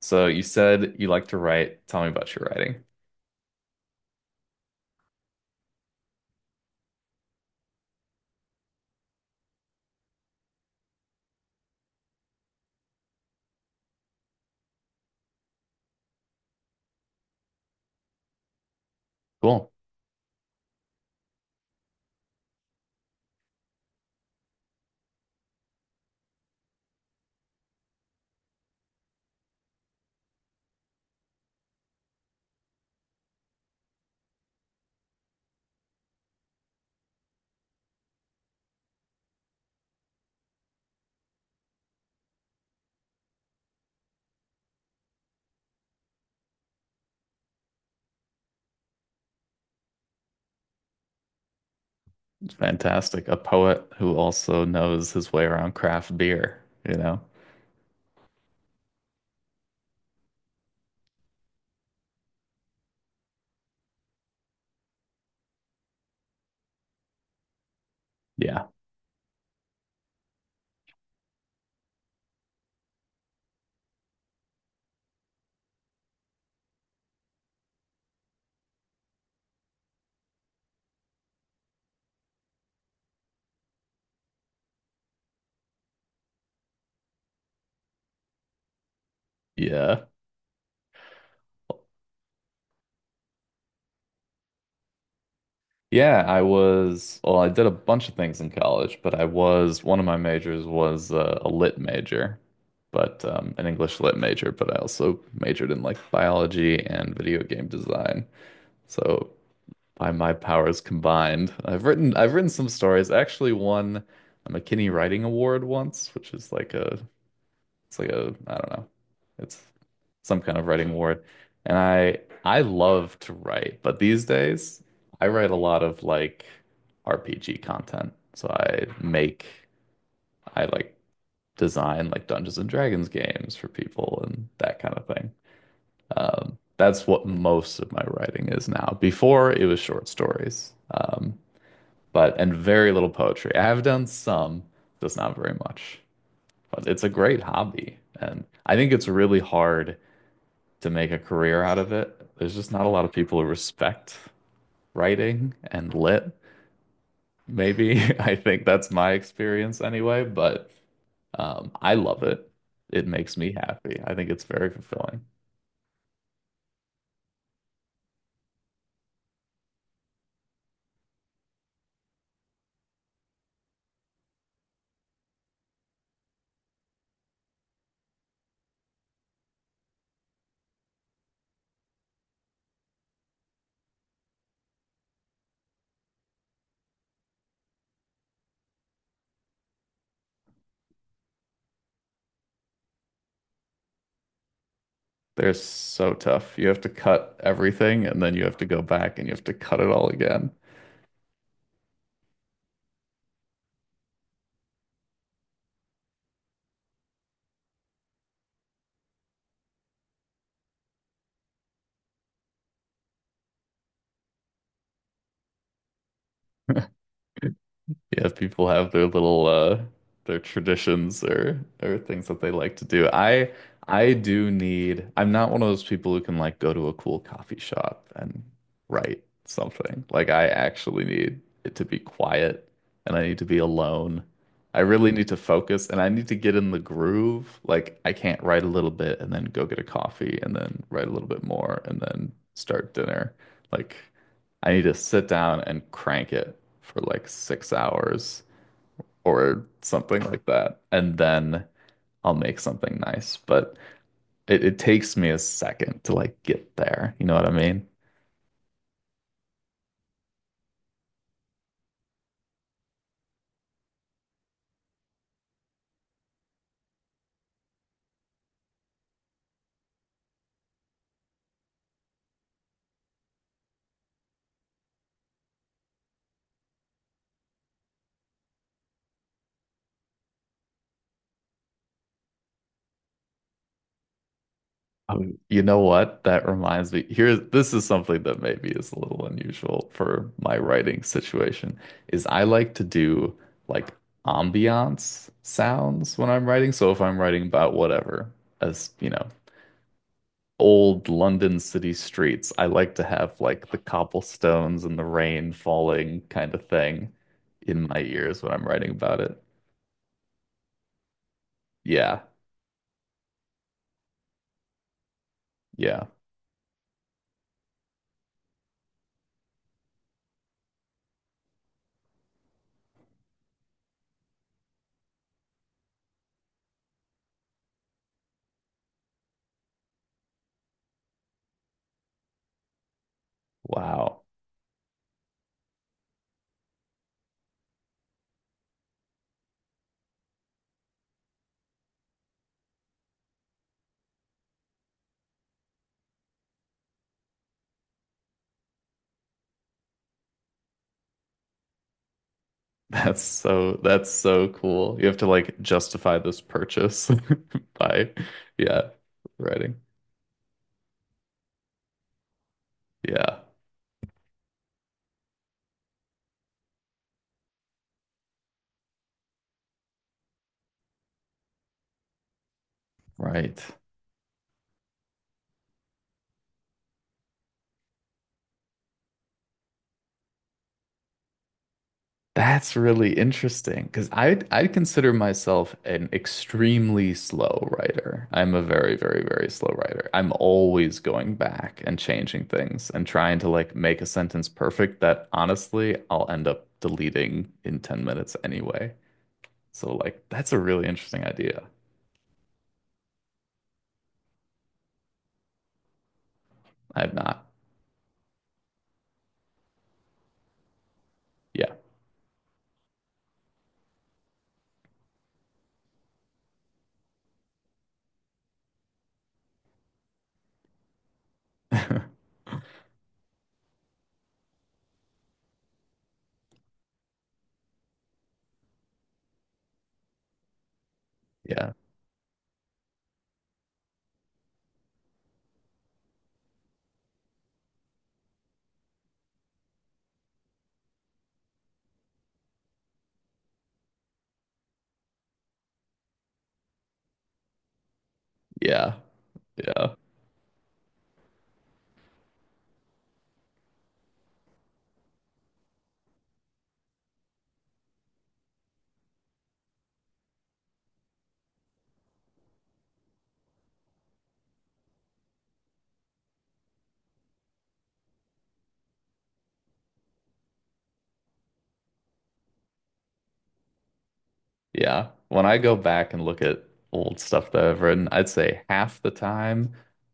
So you said you like to write. Tell me about your writing. Cool. Fantastic. A poet who also knows his way around craft beer, you know? Yeah. Yeah. Yeah, I was, well, I did a bunch of things in college, but I was, one of my majors was a lit major, but an English lit major, but I also majored in like biology and video game design. So by my powers combined. I've written some stories. I actually won a McKinney Writing Award once, which is like a it's like a I don't know. It's some kind of writing award. And I love to write, but these days I write a lot of like RPG content. So I make I like design like Dungeons and Dragons games for people and that kind of thing. That's what most of my writing is now. Before it was short stories. But and very little poetry. I have done some, just not very much. But it's a great hobby, and I think it's really hard to make a career out of it. There's just not a lot of people who respect writing and lit. Maybe I think that's my experience anyway, but I love it. It makes me happy. I think it's very fulfilling. They're so tough. You have to cut everything and then you have to go back and you have to cut it all again. Yeah, people have their little their traditions or things that they like to do. I do need I'm not one of those people who can like go to a cool coffee shop and write something. Like I actually need it to be quiet and I need to be alone. I really need to focus and I need to get in the groove. Like I can't write a little bit and then go get a coffee and then write a little bit more and then start dinner. Like I need to sit down and crank it for like 6 hours or something like that. And then I'll make something nice. But it takes me a second to like get there. You know what I mean? You know what? That reminds me. Here, this is something that maybe is a little unusual for my writing situation, is I like to do like ambiance sounds when I'm writing. So if I'm writing about whatever, as you know, old London city streets, I like to have like the cobblestones and the rain falling kind of thing in my ears when I'm writing about it. Yeah. Yeah. Wow. That's so cool. You have to like justify this purchase by yeah, writing. Yeah. Right. That's really interesting because I'd consider myself an extremely slow writer. I'm a very, very, very slow writer. I'm always going back and changing things and trying to like make a sentence perfect that honestly I'll end up deleting in 10 minutes anyway. So like that's a really interesting idea. I've not. Yeah. Yeah. Yeah. Yeah. Yeah. When I go back and look at old stuff that I've written, I'd say half the time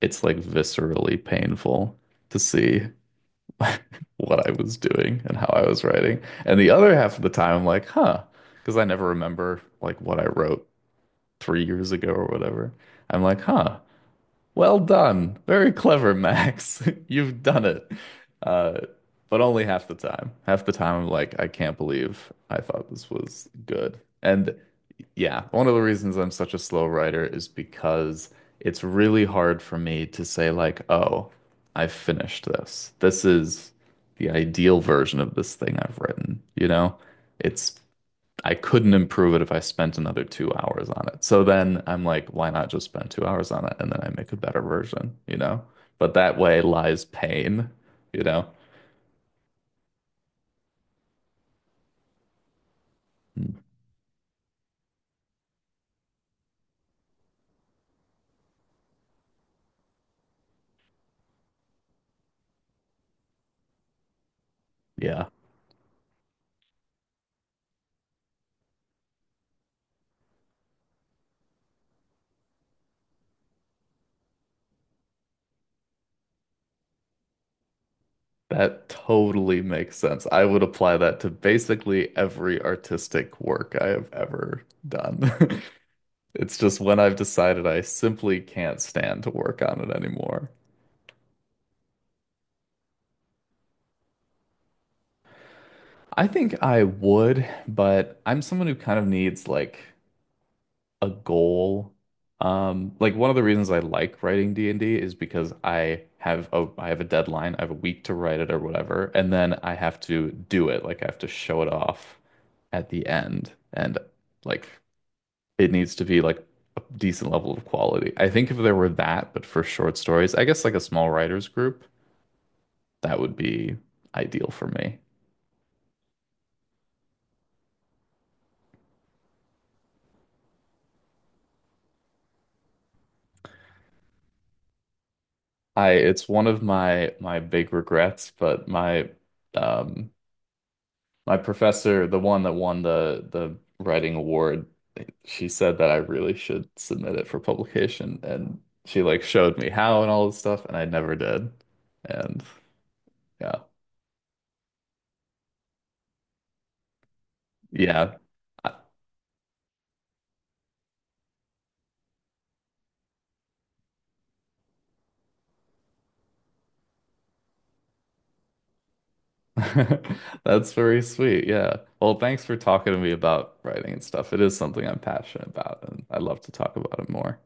it's like viscerally painful to see what I was doing and how I was writing. And the other half of the time I'm like, huh, because I never remember like what I wrote 3 years ago or whatever. I'm like, huh, well done. Very clever, Max. You've done it. Uh, but only half the time. Half the time I'm like, I can't believe I thought this was good. And yeah, one of the reasons I'm such a slow writer is because it's really hard for me to say like, "Oh, I've finished this. This is the ideal version of this thing I've written." You know? It's I couldn't improve it if I spent another 2 hours on it. So then I'm like, why not just spend 2 hours on it and then I make a better version, you know? But that way lies pain, you know? Mm, yeah. That totally makes sense. I would apply that to basically every artistic work I have ever done. It's just when I've decided I simply can't stand to work on it anymore. I think I would, but I'm someone who kind of needs like a goal. Like one of the reasons I like writing D&D is because I have a deadline, I have a week to write it or whatever, and then I have to do it. Like I have to show it off at the end. And like it needs to be like a decent level of quality. I think if there were that, but for short stories, I guess like a small writers group, that would be ideal for me. I it's one of my big regrets, but my um my professor, the one that won the writing award, she said that I really should submit it for publication and she like showed me how and all this stuff and I never did. And yeah. Yeah. That's very sweet. Yeah. Well, thanks for talking to me about writing and stuff. It is something I'm passionate about, and I'd love to talk about it more.